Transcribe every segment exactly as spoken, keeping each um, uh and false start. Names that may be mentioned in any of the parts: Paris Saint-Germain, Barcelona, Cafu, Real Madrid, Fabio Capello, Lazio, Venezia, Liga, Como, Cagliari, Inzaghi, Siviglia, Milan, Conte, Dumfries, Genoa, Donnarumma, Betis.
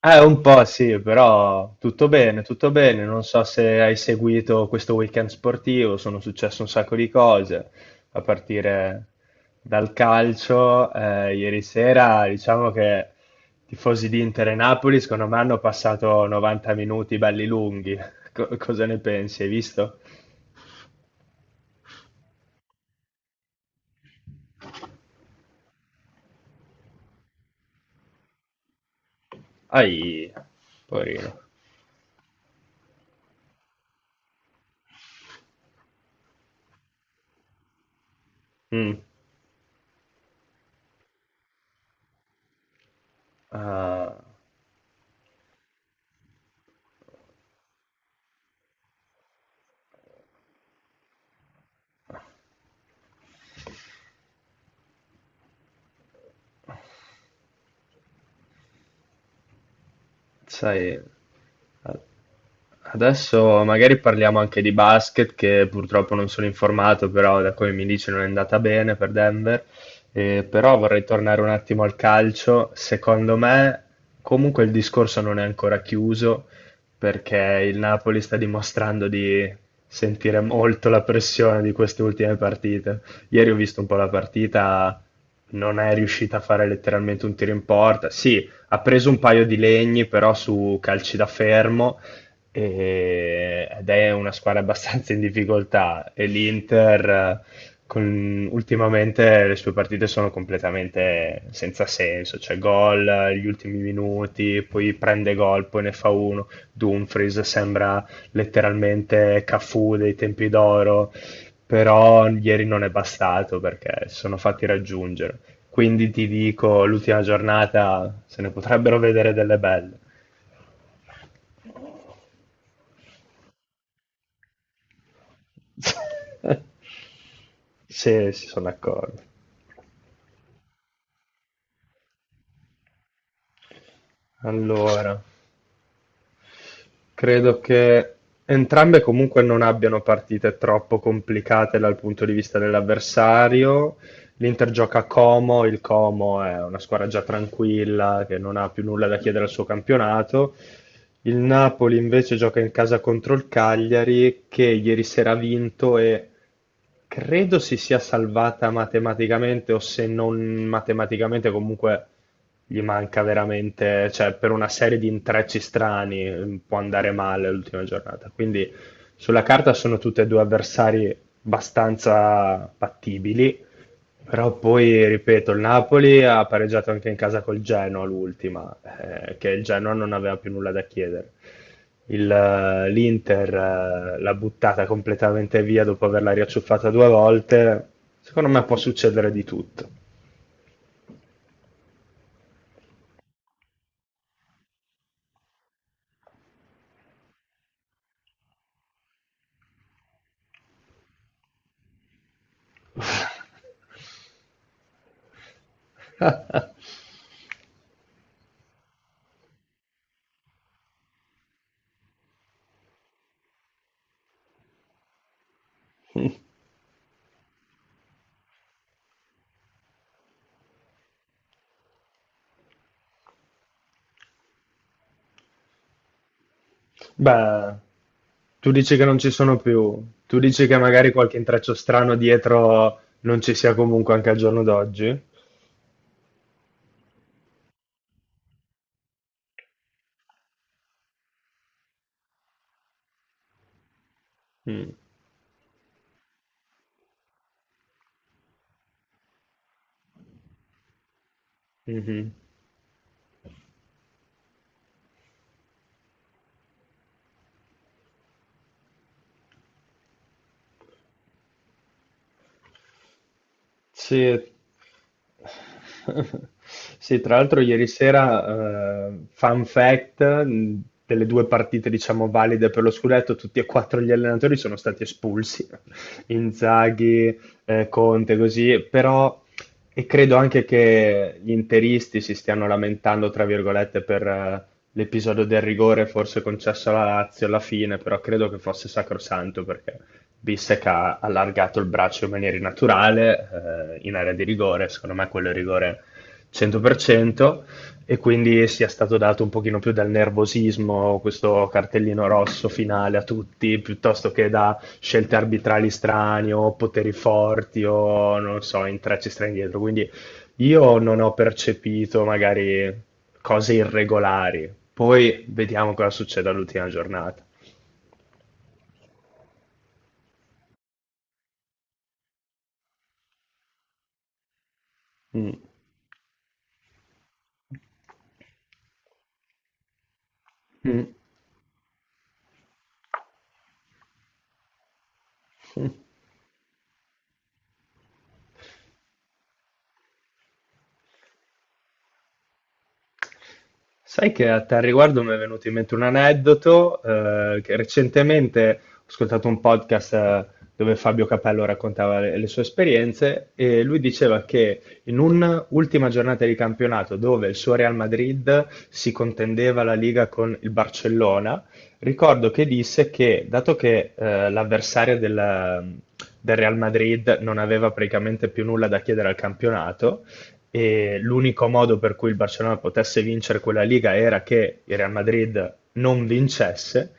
Eh, un po' sì, però tutto bene, tutto bene. Non so se hai seguito questo weekend sportivo, sono successe un sacco di cose, a partire dal calcio. Eh, ieri sera, diciamo che i tifosi di Inter e Napoli, secondo me, hanno passato novanta minuti belli lunghi. Co- cosa ne pensi? Hai visto? Ai, poverino. Mm. Ah, sai. Adesso magari parliamo anche di basket, che purtroppo non sono informato, però da come mi dici non è andata bene per Denver. Eh, però vorrei tornare un attimo al calcio. Secondo me, comunque il discorso non è ancora chiuso, perché il Napoli sta dimostrando di sentire molto la pressione di queste ultime partite. Ieri ho visto un po' la partita, non è riuscita a fare letteralmente un tiro in porta. Sì, ha preso un paio di legni, però su calci da fermo e- ed è una squadra abbastanza in difficoltà e l'Inter eh, con- ultimamente le sue partite sono completamente senza senso, cioè gol, eh, gli ultimi minuti, poi prende gol, poi ne fa uno, Dumfries sembra letteralmente Cafu dei tempi d'oro, però ieri non è bastato perché si sono fatti raggiungere. Quindi ti dico, l'ultima giornata se ne potrebbero vedere delle belle. Sì, si sono d'accordo. Allora, credo che entrambe comunque non abbiano partite troppo complicate dal punto di vista dell'avversario. L'Inter gioca a Como, il Como è una squadra già tranquilla che non ha più nulla da chiedere al suo campionato. Il Napoli invece gioca in casa contro il Cagliari che ieri sera ha vinto e credo si sia salvata matematicamente o se non matematicamente comunque gli manca veramente, cioè per una serie di intrecci strani, eh, può andare male l'ultima giornata. Quindi sulla carta sono tutte e due avversari abbastanza battibili, però poi, ripeto, il Napoli ha pareggiato anche in casa col Genoa l'ultima, eh, che il Genoa non aveva più nulla da chiedere. Il, eh, L'Inter eh, l'ha buttata completamente via dopo averla riacciuffata due volte. Secondo me può succedere di tutto. Beh, tu dici che non ci sono più, tu dici che magari qualche intreccio strano dietro non ci sia comunque anche al giorno d'oggi? Mm, mhm. Sì. Sì, tra l'altro ieri sera, eh, fun fact, mh, delle due partite diciamo valide per lo scudetto, tutti e quattro gli allenatori sono stati espulsi. Inzaghi, eh, Conte, così, però e credo anche che gli interisti si stiano lamentando, tra virgolette, per eh, l'episodio del rigore forse concesso alla Lazio alla fine, però credo che fosse sacrosanto perché viste che ha allargato il braccio in maniera innaturale, eh, in area di rigore, secondo me quello è rigore cento per cento, e quindi sia stato dato un pochino più dal nervosismo, questo cartellino rosso finale a tutti, piuttosto che da scelte arbitrali strane o poteri forti o, non so, intrecci strani dietro. Quindi io non ho percepito magari cose irregolari. Poi vediamo cosa succede all'ultima giornata. Mm. Mm. Sai che a tal riguardo mi è venuto in mente un aneddoto, eh, che recentemente ho ascoltato un podcast, eh, dove Fabio Capello raccontava le, le sue esperienze e lui diceva che in un'ultima giornata di campionato dove il suo Real Madrid si contendeva la Liga con il Barcellona, ricordo che disse che dato che eh, l'avversario della- del Real Madrid non aveva praticamente più nulla da chiedere al campionato, e l'unico modo per cui il Barcellona potesse vincere quella Liga era che il Real Madrid non vincesse,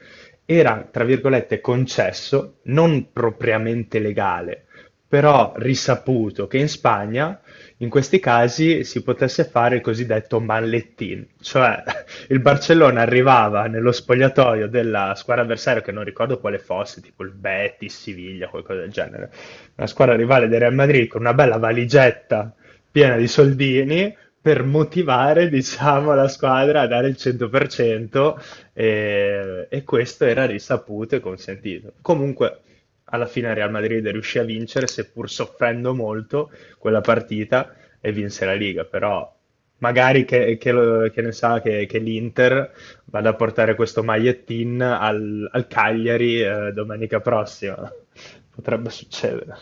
era, tra virgolette, concesso, non propriamente legale, però risaputo che in Spagna in questi casi si potesse fare il cosiddetto mallettin, cioè, il Barcellona arrivava nello spogliatoio della squadra avversaria, che non ricordo quale fosse, tipo il Betis, Siviglia, qualcosa del genere, una squadra rivale del Real Madrid con una bella valigetta piena di soldini per motivare, diciamo, la squadra a dare il cento per cento, e, e questo era risaputo e consentito. Comunque, alla fine Real Madrid riuscì a vincere, seppur soffrendo molto quella partita, e vinse la Liga, però magari che, che lo- che ne sa che, che l'Inter vada a portare questo magliettin al, al Cagliari, eh, domenica prossima. Potrebbe succedere.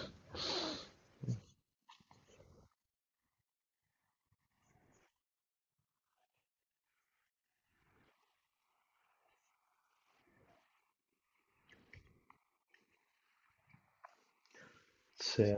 Sì.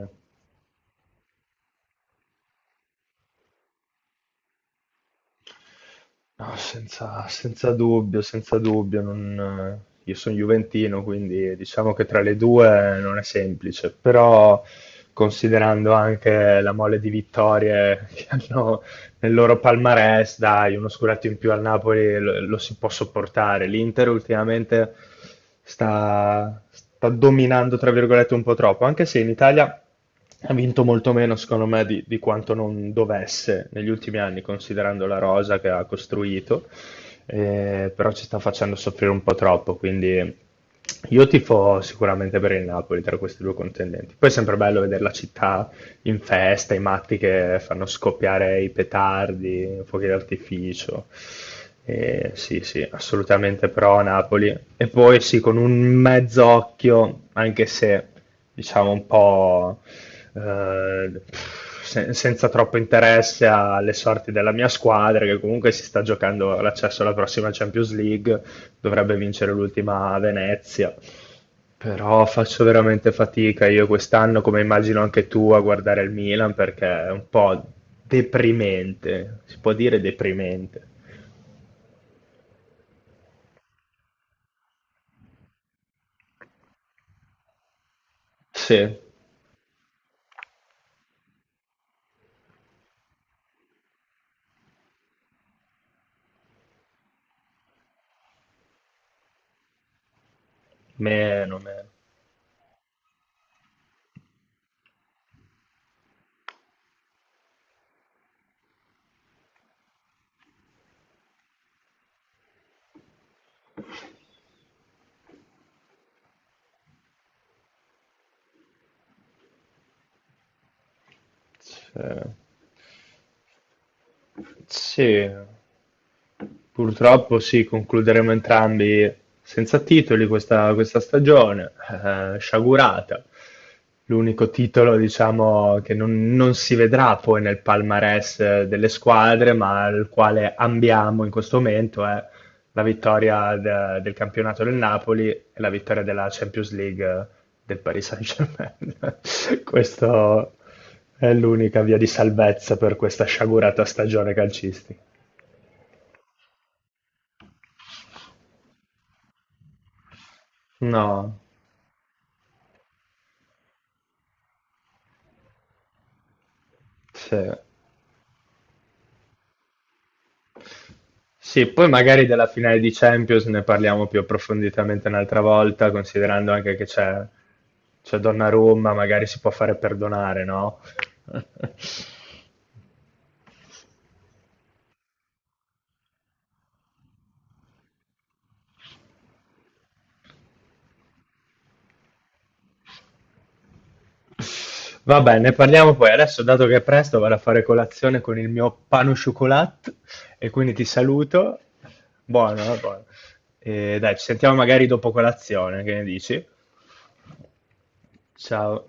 No, senza, senza dubbio, senza dubbio. non- Io sono juventino, quindi diciamo che tra le due non è semplice, però considerando anche la mole di vittorie che hanno, nel loro palmarès, dai, uno scudetto in più al Napoli lo, lo si può sopportare. L'Inter ultimamente sta, sta dominando, tra virgolette, un po' troppo, anche se in Italia ha vinto molto meno, secondo me, di, di quanto non dovesse negli ultimi anni, considerando la rosa che ha costruito, eh, però ci sta facendo soffrire un po' troppo, quindi... Io tifo sicuramente per il Napoli tra questi due contendenti. Poi è sempre bello vedere la città in festa, i matti che fanno scoppiare i petardi, fuochi d'artificio. Eh, sì, sì, assolutamente pro a Napoli. E poi sì, con un mezz'occhio, anche se diciamo un po', eh, se- senza troppo interesse alle sorti della mia squadra, che comunque si sta giocando l'accesso alla prossima Champions League, dovrebbe vincere l'ultima a Venezia. Però faccio veramente fatica io quest'anno, come immagino anche tu, a guardare il Milan perché è un po' deprimente, si può dire deprimente. Sì, meno, meno. Sì. Sì, purtroppo sì, concluderemo entrambi senza titoli questa, questa stagione, eh, sciagurata. L'unico titolo, diciamo, che non, non si vedrà poi nel palmarès, eh, delle squadre, ma al quale ambiamo in questo momento è la vittoria de- del campionato del Napoli e la vittoria della Champions League del Paris Saint-Germain. Questo è l'unica via di salvezza per questa sciagurata stagione calcistica. No, sì. Sì, poi magari della finale di Champions ne parliamo più approfonditamente un'altra volta, considerando anche che c'è, c'è Donnarumma, magari si può fare perdonare, no? Vabbè, ne parliamo poi. Adesso, dato che è presto, vado a fare colazione con il mio pan au chocolat e quindi ti saluto. Buono, eh, buono. E dai, ci sentiamo magari dopo colazione, che ne dici? Ciao.